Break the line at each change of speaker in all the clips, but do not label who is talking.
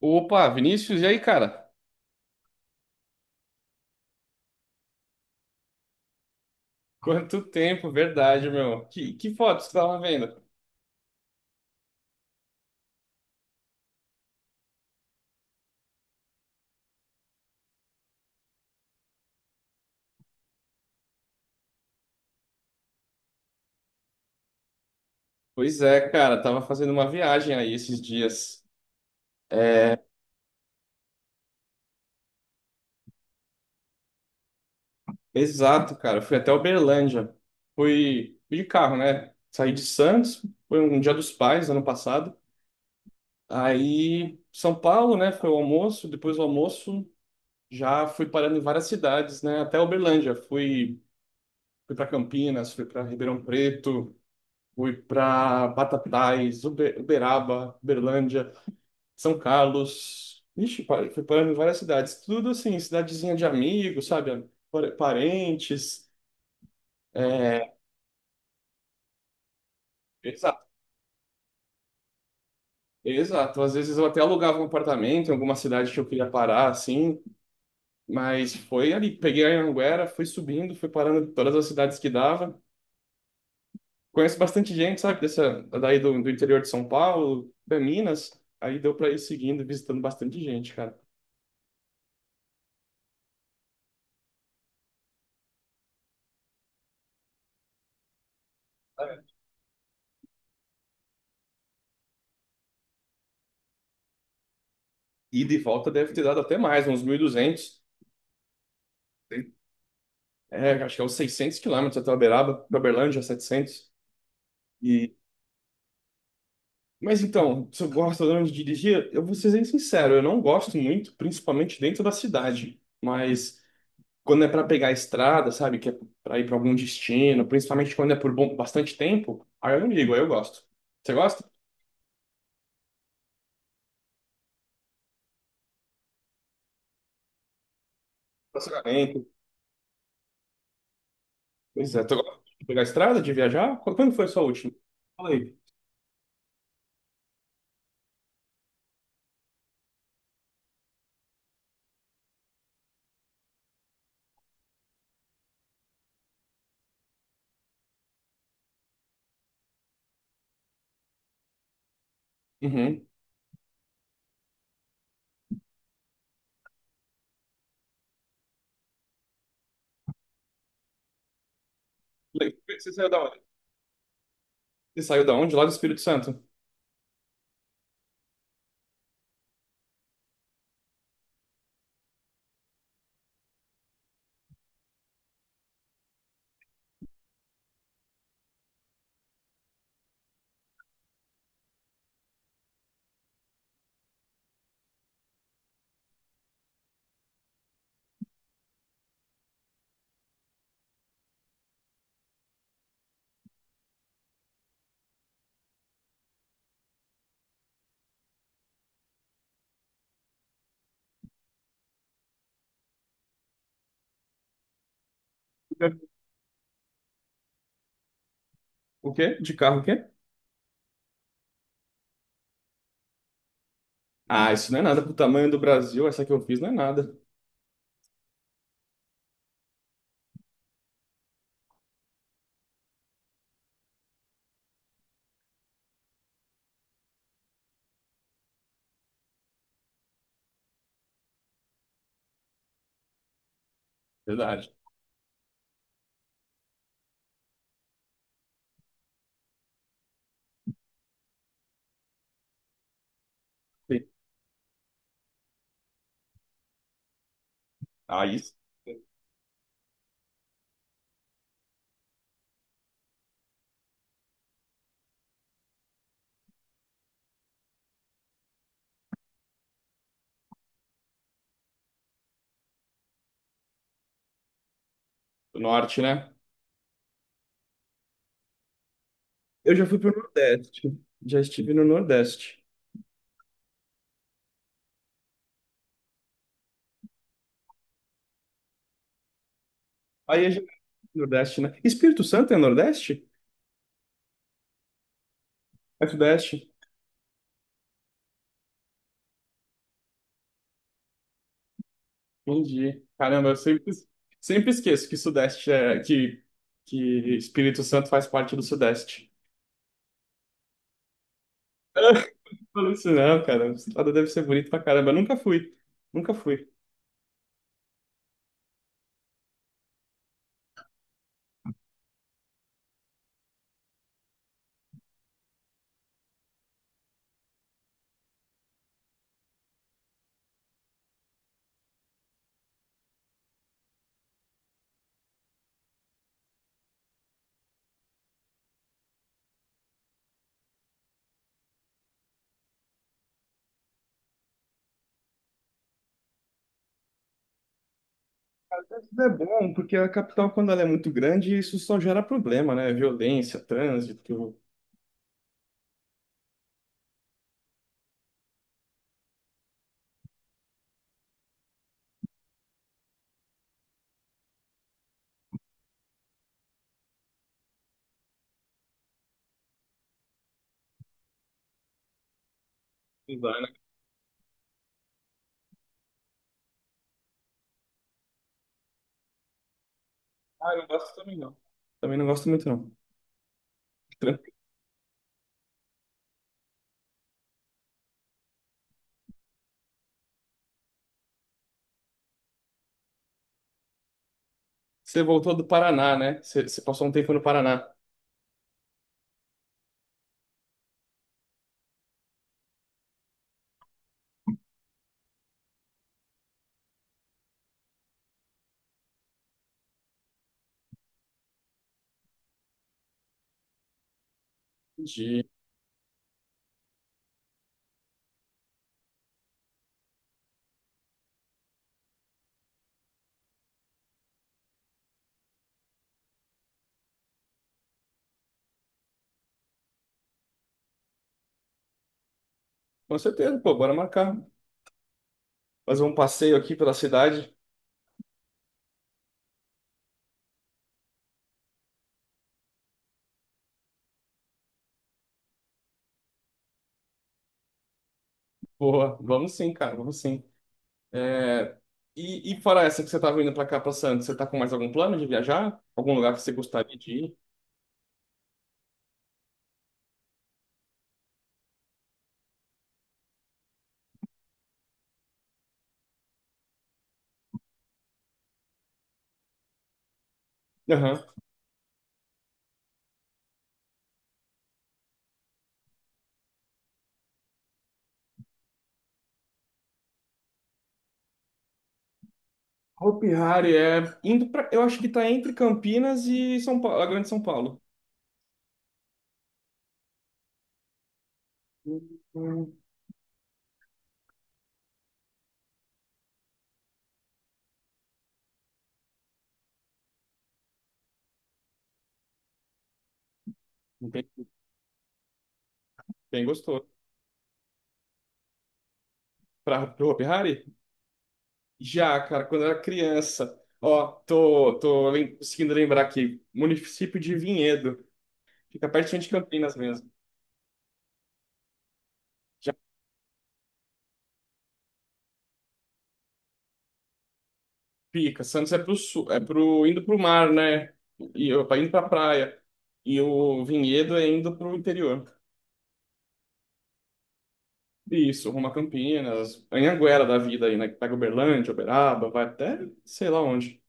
Opa, Vinícius, e aí, cara? Quanto tempo, verdade, meu. Que foto você tava vendo? Pois é, cara, tava fazendo uma viagem aí esses dias. Exato, cara, fui até Uberlândia. Fui de carro, né? Saí de Santos, foi um Dia dos Pais, ano passado. Aí, São Paulo, né? Foi o almoço, depois do almoço já fui parando em várias cidades, né? Até Uberlândia, fui para Campinas, fui para Ribeirão Preto, fui para Batatais, Uberaba, Uberlândia. São Carlos. Ixi, fui parando em várias cidades. Tudo assim, cidadezinha de amigos, sabe? Parentes. É, exato, exato. Às vezes eu até alugava um apartamento em alguma cidade que eu queria parar, assim. Mas foi ali. Peguei a Anhanguera, fui subindo, fui parando em todas as cidades que dava. Conheço bastante gente, sabe? Dessa, daí do interior de São Paulo, da Minas. Aí deu para ir seguindo, visitando bastante gente, cara. Ida e de volta deve ter dado até mais, uns 1.200. É, acho que é uns 600 quilômetros até Uberaba, pra Uberlândia, 700. E... Mas então, se eu gosto ou não de dirigir, eu vou ser bem sincero, eu não gosto muito, principalmente dentro da cidade. Mas quando é para pegar a estrada, sabe, que é para ir para algum destino, principalmente quando é por bom, bastante tempo, aí eu não ligo, aí eu gosto. Você gosta? Relacionamento. Pois é, tu gosta de pegar a estrada, de viajar? Quando foi a sua última? Fala aí. Uhum. Você saiu da onde? Você saiu da onde? Lá do Espírito Santo. O quê? De carro, o quê? Ah, isso não é nada pro tamanho do Brasil, essa que eu fiz não é nada. Verdade. Sim. Ah, isso. Do norte, né? Eu já fui pro Nordeste. Já estive no Nordeste. Aí é já- Nordeste, né? Espírito Santo é Nordeste? É Sudeste? Entendi. Caramba, eu sempre, sempre esqueço que Sudeste é... Que Espírito Santo faz parte do Sudeste. Falou isso não, cara. O estado deve ser bonito pra caramba. Eu nunca fui. Nunca fui. É bom, porque a capital, quando ela é muito grande, isso só gera problema, né? Violência, trânsito. Tudo lá, né? Ah, eu não gosto também não. Também não gosto muito, não. Tran- Você voltou do Paraná, né? Você passou um tempo no Paraná. Entendi. Com certeza, pô, bora marcar. Fazer um passeio aqui pela cidade. Boa, vamos sim, cara, vamos sim. É, e fora essa que você tá vindo pra cá, pra Santos, você tá com mais algum plano de viajar? Algum lugar que você gostaria de ir? Hopi Hari é indo para, eu acho que tá entre Campinas e São Paulo, a Grande São Paulo. Hum. Bem, bem gostoso. Para o Hopi Hari? Já, cara, quando eu era criança. Ó, tô conseguindo lembrar aqui. Município de Vinhedo. Fica pertinho de Campinas mesmo. Já fica. Santos é pro sul, é pro, indo pro mar, né? E eu, indo pra praia. E o Vinhedo é indo pro interior. Isso, rumo a Campinas, Anhanguera da vida aí, né? Que pega Uberlândia, Uberaba, vai até sei lá onde.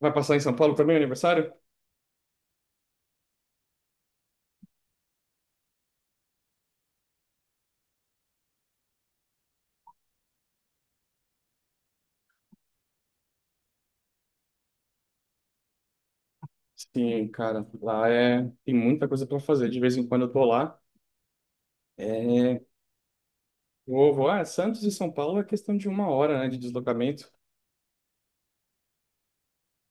Vai passar em São Paulo também, aniversário? Sim, cara, lá é tem muita coisa para fazer. De vez em quando eu tô lá. É, vou, vou. Ah, Santos e São Paulo é questão de uma hora, né, de deslocamento.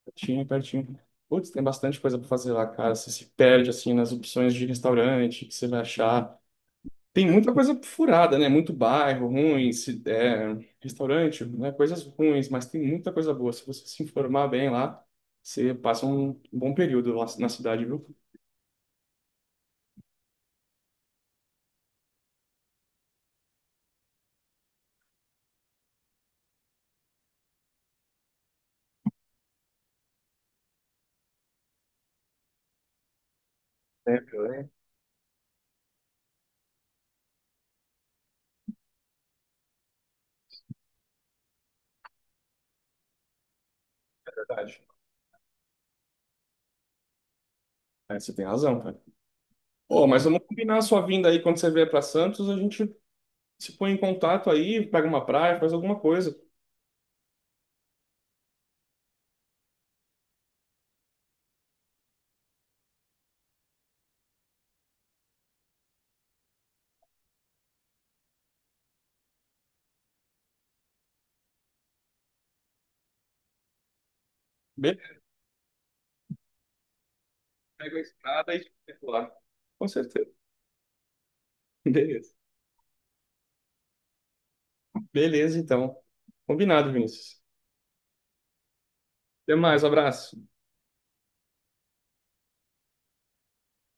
Pertinho, pertinho. Putz, tem bastante coisa para fazer lá, cara. Você se perde assim nas opções de restaurante que você vai achar. Tem muita coisa furada, né? Muito bairro ruim, é, restaurante, né? Coisas ruins, mas tem muita coisa boa. Se você se informar bem lá, você passa um bom período lá na cidade, viu? Sempre, é. Verdade. É, você tem razão, cara. Ô, mas vamos combinar a sua vinda aí quando você vier para Santos, a gente se põe em contato aí, pega uma praia, faz alguma coisa. Beleza, pega a estrada e te lá. Com certeza. Beleza. Beleza, então. Combinado, Vinícius. Até mais, abraço.